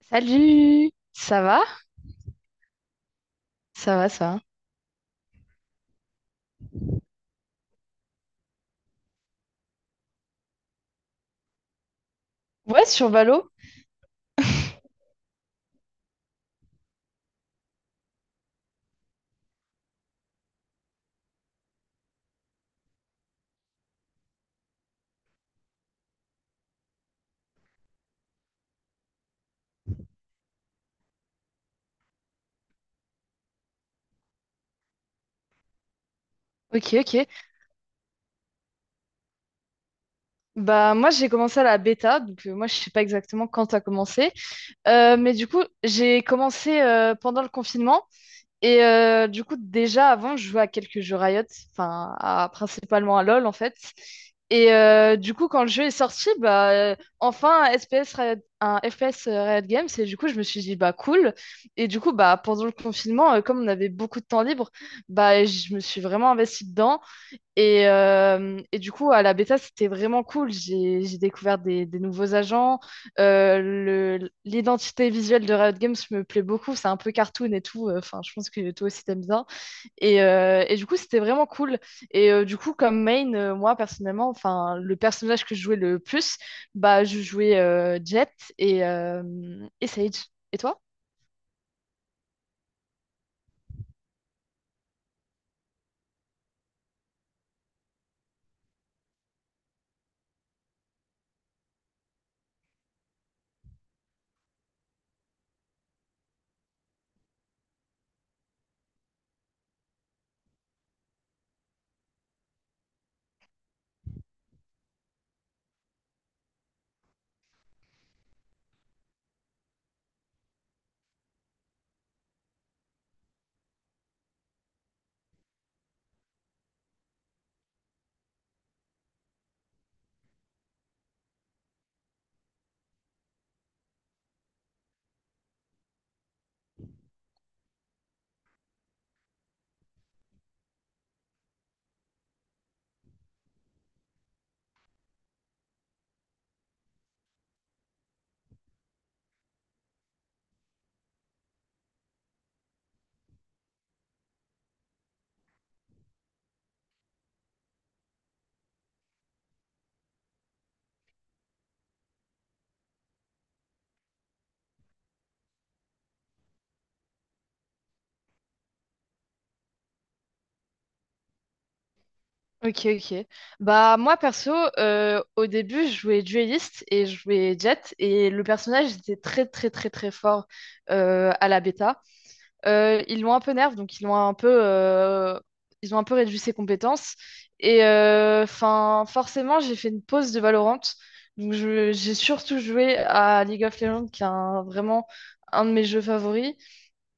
Salut, ça va? Ça va, ça va. Ouais, sur Valo. Ok, ok. Bah moi j'ai commencé à la bêta, donc moi je sais pas exactement quand t'as commencé. Mais du coup j'ai commencé pendant le confinement. Et du coup, déjà avant, je jouais à quelques jeux Riot, enfin, principalement à LoL en fait. Et du coup, quand le jeu est sorti, bah, enfin, un FPS Riot Games, et du coup, je me suis dit, bah cool. Et du coup, bah, pendant le confinement, comme on avait beaucoup de temps libre, bah, je me suis vraiment investie dedans. Et du coup, à la bêta, c'était vraiment cool. J'ai découvert des nouveaux agents. L'identité visuelle de Riot Games me plaît beaucoup. C'est un peu cartoon et tout. Enfin, je pense que toi aussi, t'aimes bien. Et du coup, c'était vraiment cool. Et du coup, comme main, moi, personnellement, enfin, le personnage que je jouais le plus, bah, je jouais Jett et, euh, et Sage. Et toi? Ok, ok. Bah, moi, perso, au début, je jouais Duelist et je jouais Jet, et le personnage était très, très, très, très fort à la bêta. Ils l'ont un peu nerf, donc ils l'ont un peu, ils ont un peu réduit ses compétences. Et enfin, forcément, j'ai fait une pause de Valorant. Donc, j'ai surtout joué à League of Legends, qui est vraiment un de mes jeux favoris.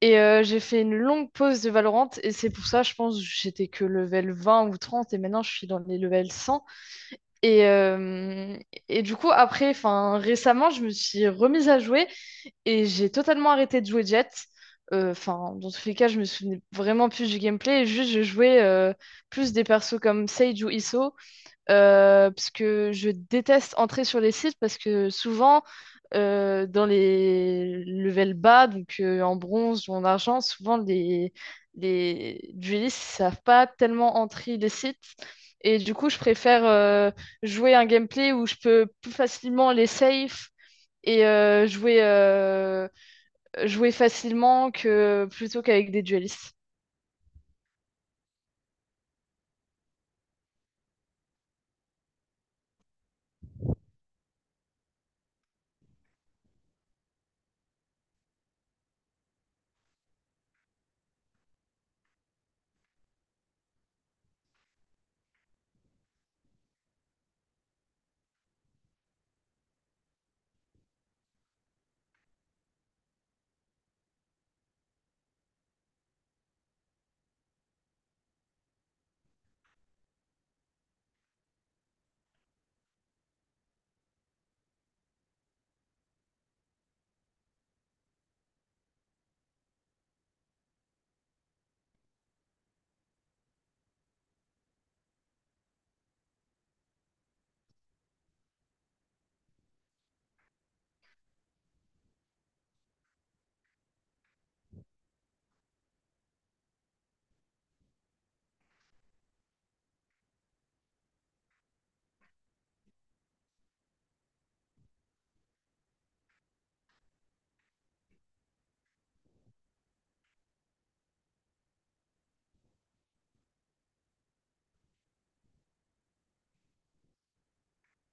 Et j'ai fait une longue pause de Valorant et c'est pour ça, je pense, j'étais que level 20 ou 30 et maintenant je suis dans les level 100. Et, euh, et du coup, après, enfin, récemment, je me suis remise à jouer et j'ai totalement arrêté de jouer Jet. Enfin, dans tous les cas, je me souvenais vraiment plus du gameplay. Juste, je jouais plus des persos comme Sage ou Iso parce que je déteste entrer sur les sites parce que souvent, dans les levels bas, donc en bronze ou en argent, souvent les duellistes savent pas tellement entrer les sites. Et du coup, je préfère jouer un gameplay où je peux plus facilement les safe et jouer, jouer facilement que plutôt qu'avec des duellistes.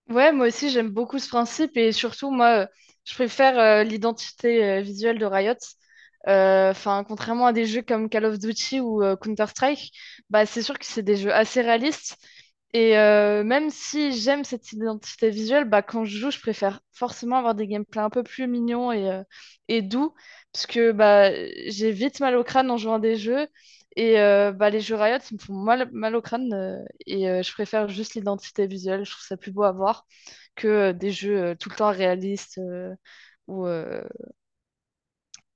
Ouais, moi aussi j'aime beaucoup ce principe et surtout moi, je préfère l'identité visuelle de Riot. Enfin, contrairement à des jeux comme Call of Duty ou Counter-Strike, bah c'est sûr que c'est des jeux assez réalistes et même si j'aime cette identité visuelle, bah quand je joue je préfère forcément avoir des gameplays un peu plus mignons et doux parce que bah j'ai vite mal au crâne en jouant à des jeux et bah les jeux Riot ils me font mal, mal au crâne et je préfère juste l'identité visuelle, je trouve ça plus beau à voir que des jeux tout le temps réalistes ou, euh,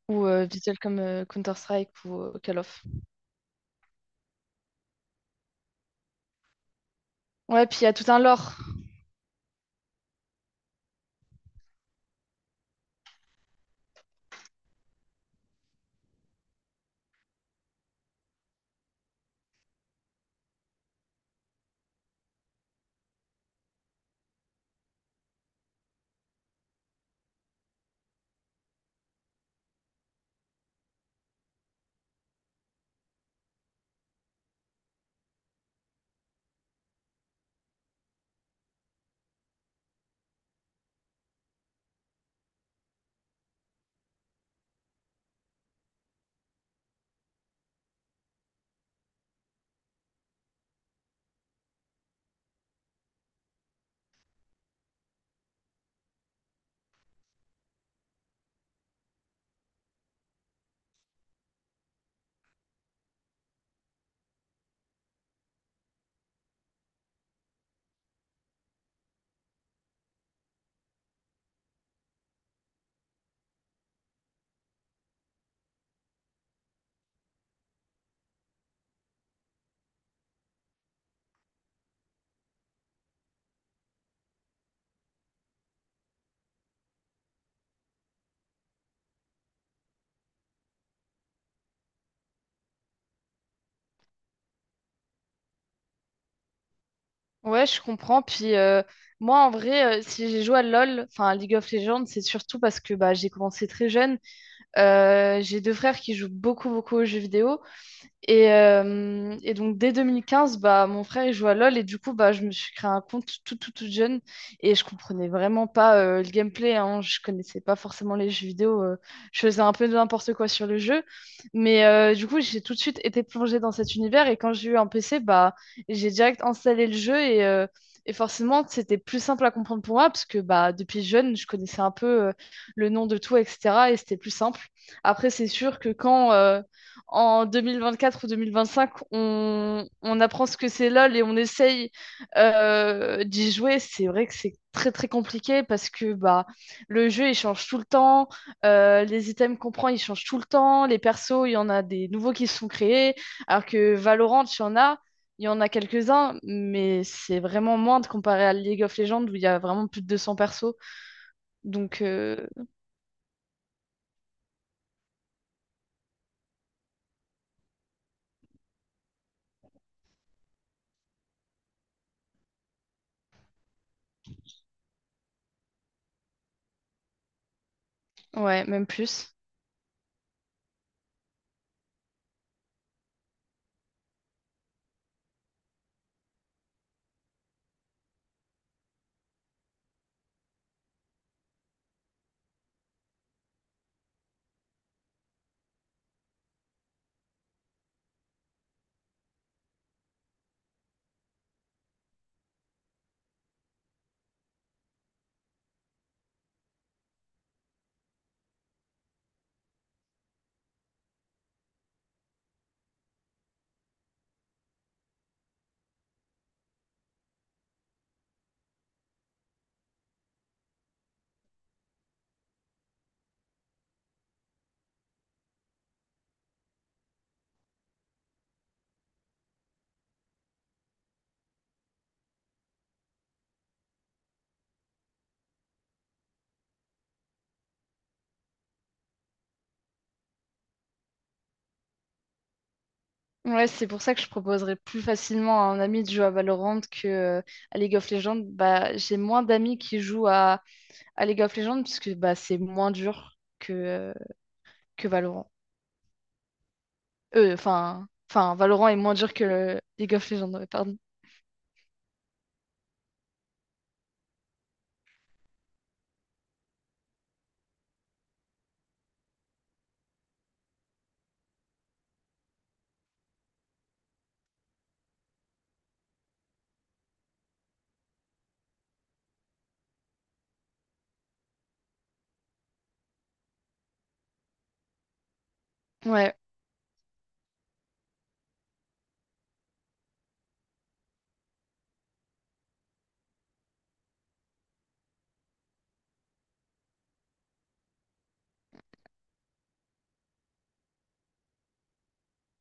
ou visuels comme Counter-Strike ou Call of. Ouais, puis il y a tout un lore. Ouais, je comprends. Puis moi, en vrai, si j'ai joué à LoL, enfin à League of Legends, c'est surtout parce que bah, j'ai commencé très jeune. J'ai deux frères qui jouent beaucoup, beaucoup aux jeux vidéo. Et donc dès 2015, bah, mon frère il joue à LoL et du coup bah, je me suis créé un compte tout tout tout jeune et je comprenais vraiment pas le gameplay, hein. Je connaissais pas forcément les jeux vidéo, je faisais un peu de n'importe quoi sur le jeu, mais du coup j'ai tout de suite été plongée dans cet univers et quand j'ai eu un PC, bah, j'ai direct installé le jeu et forcément c'était plus simple à comprendre pour moi parce que bah, depuis jeune je connaissais un peu le nom de tout etc et c'était plus simple. Après c'est sûr que quand... en 2024 ou 2025, on apprend ce que c'est LOL et on essaye d'y jouer. C'est vrai que c'est très très compliqué parce que bah, le jeu il change tout le temps, les items qu'on prend ils changent tout le temps, les persos il y en a des nouveaux qui sont créés, alors que Valorant il y en a, il y en a quelques-uns, mais c'est vraiment moins de comparé à League of Legends où il y a vraiment plus de 200 persos. Donc ouais, même plus. Ouais, c'est pour ça que je proposerais plus facilement à un ami de jouer à Valorant que à League of Legends. Bah, j'ai moins d'amis qui jouent à League of Legends parce que bah, c'est moins dur que Valorant. Enfin, Valorant est moins dur que le League of Legends, ouais, pardon. Ouais,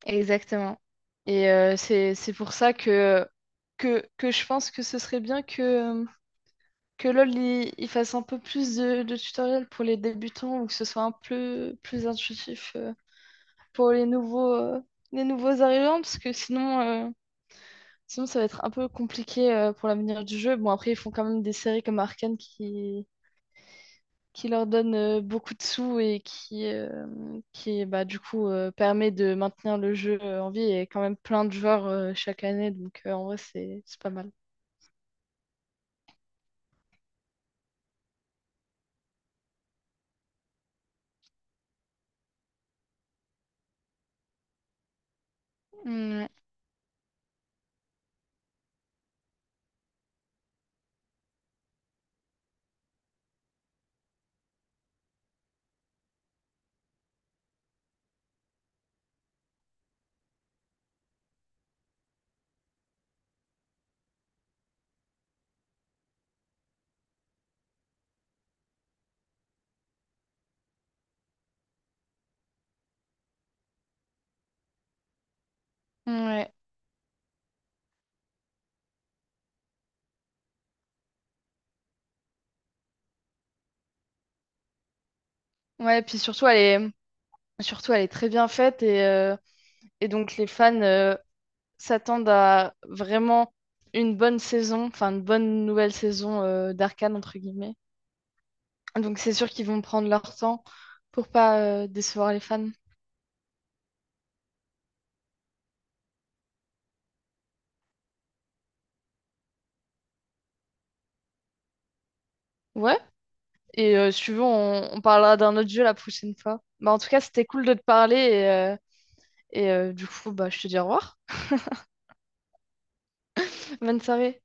exactement. Et c'est pour ça que je pense que ce serait bien euh, que LoL il fasse un peu plus de tutoriels pour les débutants ou que ce soit un peu plus intuitif pour les nouveaux arrivants, parce que sinon, euh, sinon ça va être un peu compliqué pour l'avenir du jeu. Bon, après, ils font quand même des séries comme Arcane qui leur donnent beaucoup de sous et qui bah, du coup, permet de maintenir le jeu en vie et quand même plein de joueurs chaque année. Donc, en vrai, c'est pas mal. Mm. Ouais, ouais. Ouais, puis est, surtout, elle est très bien faite et donc les fans, s'attendent à vraiment une bonne saison, enfin une bonne nouvelle saison d'Arcane, entre guillemets. Donc c'est sûr qu'ils vont prendre leur temps pour pas décevoir les fans. Ouais, et si tu veux, on parlera d'un autre jeu la prochaine fois. Bah, en tout cas, c'était cool de te parler et, du coup, bah, je te dis au revoir. Bonne soirée.